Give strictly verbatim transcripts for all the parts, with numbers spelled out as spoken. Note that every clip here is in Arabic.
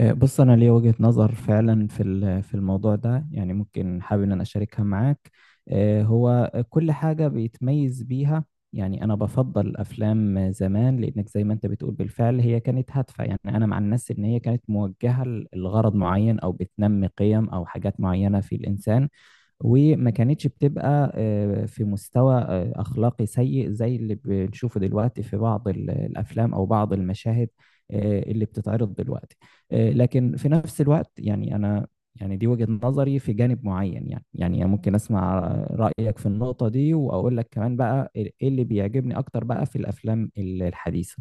آه، بص انا ليا وجهة نظر فعلا في ال- في الموضوع ده، يعني ممكن حابب ان انا اشاركها معاك. آه، هو كل حاجة بيتميز بيها. يعني انا بفضل افلام زمان، لانك زي ما انت بتقول بالفعل هي كانت هادفة. يعني انا مع الناس ان هي كانت موجهة ل- لغرض معين، او بتنمي قيم او حاجات معينة في الانسان. وما كانتش بتبقى آه، في مستوى آه، أخلاقي سيء زي اللي بنشوفه دلوقتي في بعض ال- الأفلام أو بعض المشاهد آه، اللي بتتعرض دلوقتي. آه، لكن في نفس الوقت يعني أنا، يعني دي وجهة نظري في جانب معين، يعني يعني ممكن أسمع رأيك في النقطة دي، وأقول لك كمان بقى إيه اللي بيعجبني أكتر بقى في الأفلام الحديثة.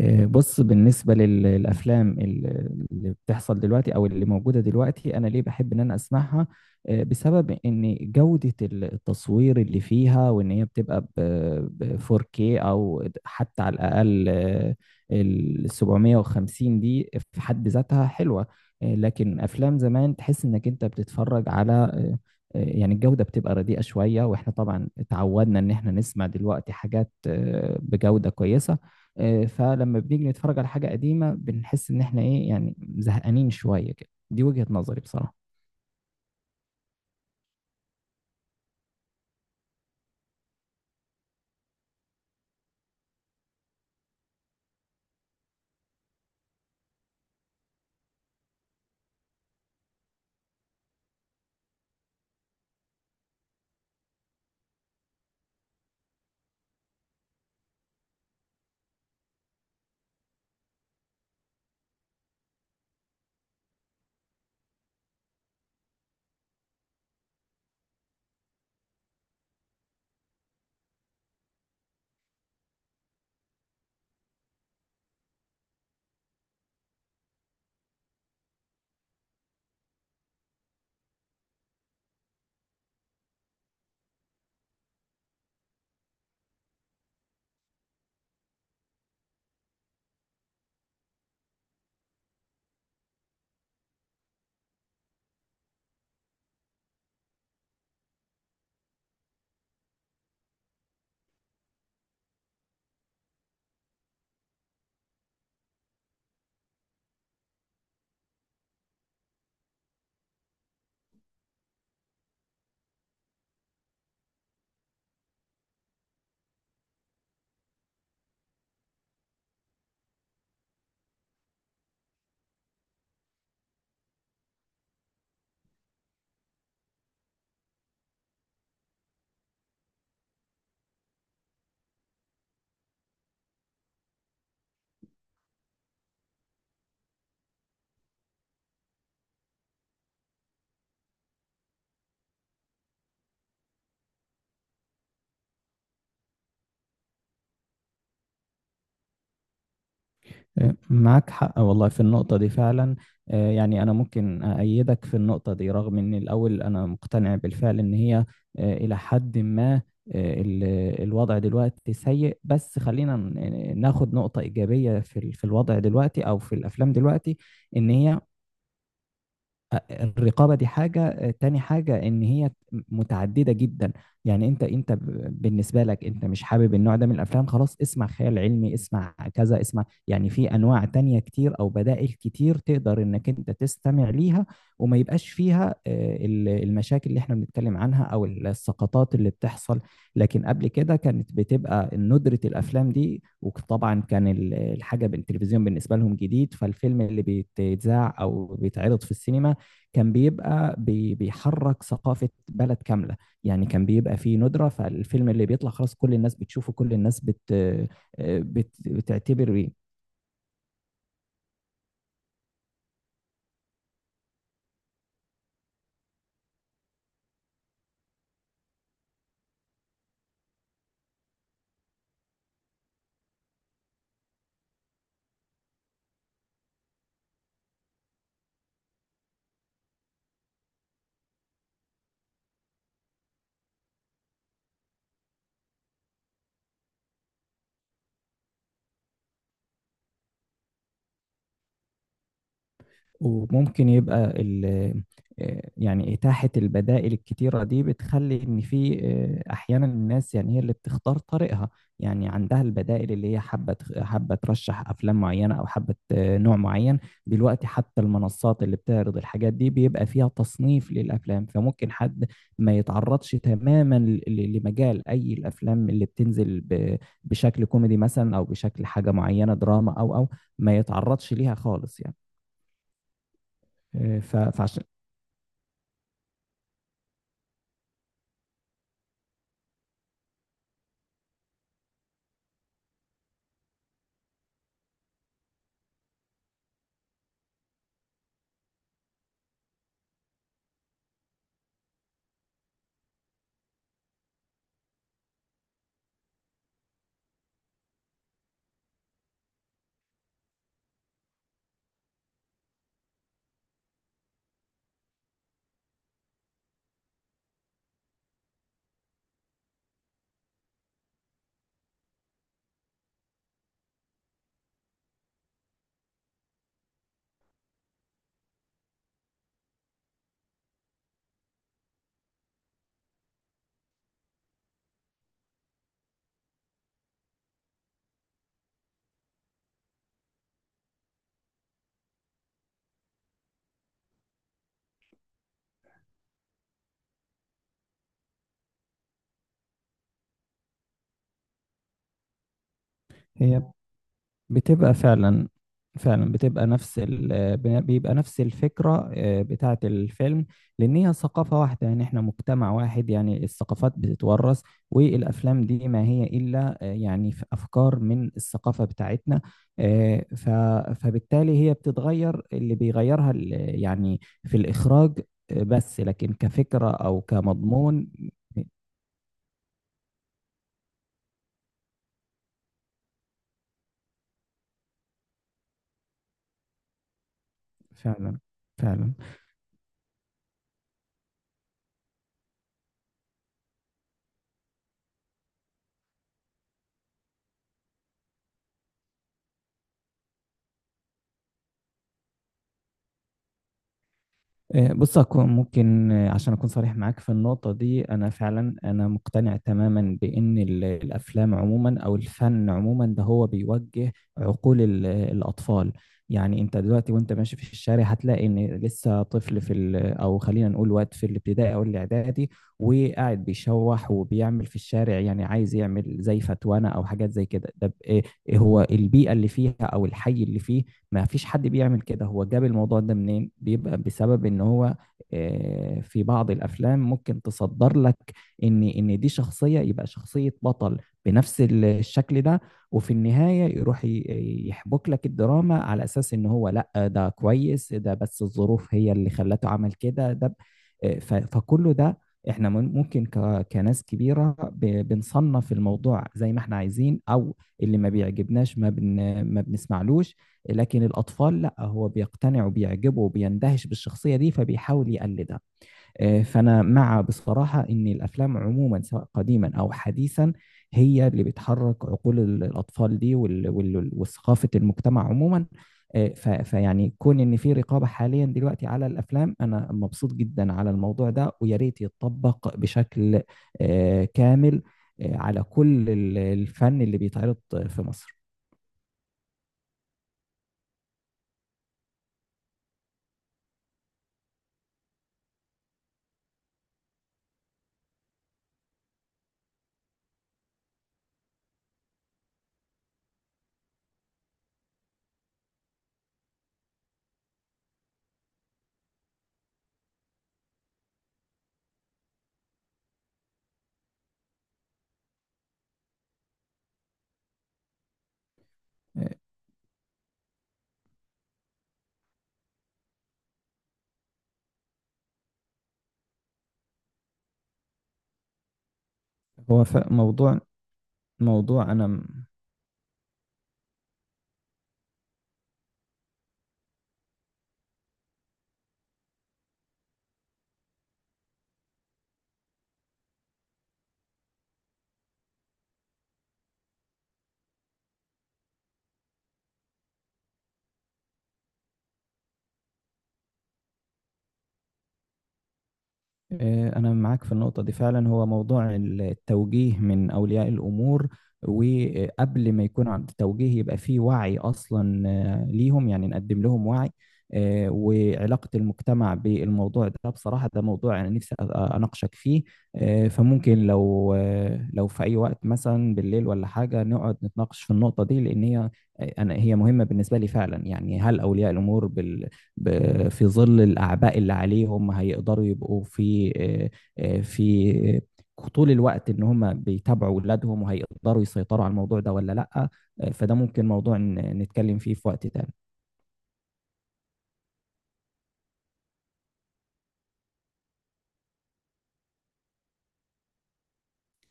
آه، بص، بالنسبة لل- للأفلام ال- اللي بتحصل دلوقتي أو اللي موجودة دلوقتي، أنا ليه بحب إن أنا أسمعها؟ آه، بسبب إن جودة ال- التصوير اللي فيها، وإن هي بتبقى ب فور كيه أو حتى على الأقل آه، ال سبعمائة وخمسين دي في حد ذاتها حلوة. آه، لكن أفلام زمان تحس إنك أنت بتتفرج على آه، آه، يعني الجودة بتبقى رديئة شوية. وإحنا طبعا اتعودنا إن إحنا نسمع دلوقتي حاجات آه، بجودة كويسة. آه، فلما بنيجي نتفرج على حاجة قديمة بنحس إن إحنا إيه، يعني زهقانين شوية كده. دي وجهة نظري بصراحة. آه، معاك حق والله في النقطة دي فعلا. آه، يعني أنا ممكن أأيدك في النقطة دي، رغم إن الأول أنا مقتنع بالفعل إن هي آه، إلى حد ما آه، ال- الوضع دلوقتي سيء. بس خلينا ن- ناخد نقطة إيجابية في ال- في الوضع دلوقتي أو في الأفلام دلوقتي. إن هي الرقابه دي حاجه تاني، حاجه ان هي متعدده جدا. يعني انت انت ب- بالنسبه لك انت مش حابب النوع ده من الافلام، خلاص اسمع خيال علمي، اسمع كذا، اسمع. يعني في انواع تانية كتير او بدائل كتير تقدر انك انت تستمع ليها، وما يبقاش فيها آه، ال- المشاكل اللي احنا بنتكلم عنها او السقطات اللي بتحصل. لكن قبل كده كانت بتبقى ندرة الافلام دي، وطبعا كان ال- الحاجه بالتلفزيون بالنسبه لهم جديد، فالفيلم اللي بيتذاع او بيتعرض في السينما كان بيبقى بي بيحرك ثقافة بلد كاملة. يعني كان بيبقى فيه ندرة، فالفيلم اللي بيطلع خلاص كل الناس بتشوفه، كل الناس بت آه، بت- بتعتبر بيه. وممكن يبقى ال- آه، يعني إتاحة البدائل الكتيرة دي بتخلي إن في آه، أحيانا الناس، يعني هي اللي بتختار طريقها. يعني عندها البدائل، اللي هي حابة تخ- حابة ترشح أفلام معينة، أو حابة آه، نوع معين. دلوقتي حتى المنصات اللي بتعرض الحاجات دي بيبقى فيها تصنيف للأفلام، فممكن حد ما يتعرضش تماما ل- ل- لمجال أي الأفلام اللي بتنزل ب- بشكل كوميدي مثلا، أو بشكل حاجة معينة، دراما أو أو ما يتعرضش ليها خالص يعني. إيه، ف- فعشان هي بتبقى فعلا، فعلا بتبقى نفس ال... آه، بن- بيبقى نفس الفكرة آه، بتاعة الفيلم. لأن هي ثقافة واحدة، يعني احنا مجتمع واحد، يعني الثقافات بتتورث، والأفلام دي ما هي إلا آه، يعني في أفكار من الثقافة بتاعتنا. آه، ف... فبالتالي هي بتتغير، اللي بيغيرها ال- يعني في الإخراج. آه، بس لكن كفكرة أو كمضمون، فعلا فعلا. آه، بص، أكون ممكن آه، عشان أكون صريح معاك في النقطة دي، أنا فعلا أنا مقتنع تماما بإن ال- الأفلام عموما أو الفن عموما ده هو بيوجه عقول ال- الأطفال. يعني أنت دلوقتي وأنت ماشي في الشارع هتلاقي إن لسه طفل في ال أو خلينا نقول وقت في الابتدائي أو الإعدادي، وقاعد بيشوح وبيعمل في الشارع، يعني عايز يعمل زي فتوانة أو حاجات زي كده. ده ب- إيه؟ إيه هو البيئة اللي فيها أو الحي اللي فيه؟ ما فيش حد بيعمل كده، هو جاب الموضوع ده منين؟ بيبقى بسبب ان هو آه، في بعض الافلام ممكن تصدر لك ان ان دي شخصية، يبقى شخصية بطل بنفس ال- الشكل ده، وفي النهاية يروح ي- يحبك لك الدراما على اساس ان هو لا ده كويس، ده بس الظروف هي اللي خلته عمل كده. ده ب- آه، ف- فكله ده احنا من- ممكن ك- كناس كبيرة ب- بنصنف الموضوع زي ما احنا عايزين، او اللي ما بيعجبناش ما بن ما بنسمعلوش. لكن الأطفال لا، هو بيقتنع وبيعجبه وبيندهش بالشخصية دي فبيحاول يقلدها. آه، فأنا مع، بصراحة، إن الأفلام عموما سواء قديما أو حديثا هي اللي بتحرك عقول ال- الأطفال دي، وال- وال- وثقافة المجتمع عموما. آه، ف- فيعني كون إن في رقابة حاليا دلوقتي على الأفلام، أنا مبسوط جدا على الموضوع ده، ويا ريت يتطبق بشكل آه، كامل آه، على كل ال- الفن اللي بيتعرض في مصر. آه، هو ف- موضوع موضوع أنا م- آه، أنا معاك في النقطة دي فعلا، هو موضوع التوجيه من أولياء الأمور. وقبل ما يكون عند التوجيه يبقى فيه وعي أصلا آه، ليهم، يعني نقدم لهم وعي آه، وعلاقة المجتمع بالموضوع ده. بصراحة ده موضوع أنا نفسي أ- أ- أناقشك فيه. آه، فممكن لو آه، لو في أي وقت مثلا بالليل ولا حاجة، نقعد نتناقش في النقطة دي، لأن هي آه، أنا، هي مهمة بالنسبة لي فعلا. يعني هل أولياء الأمور بال ب- في ظل الأعباء اللي عليهم هيقدروا يبقوا في آه، آه، في طول الوقت إن هم بيتابعوا أولادهم، وهيقدروا يسيطروا على الموضوع ده ولا لأ؟ آه، فده ممكن موضوع ن- نتكلم فيه في وقت تاني.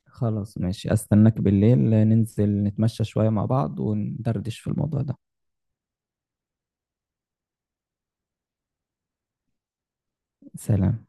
خلاص ماشي، أستناك بالليل ننزل نتمشى شوية مع بعض وندردش في الموضوع ده. سلام.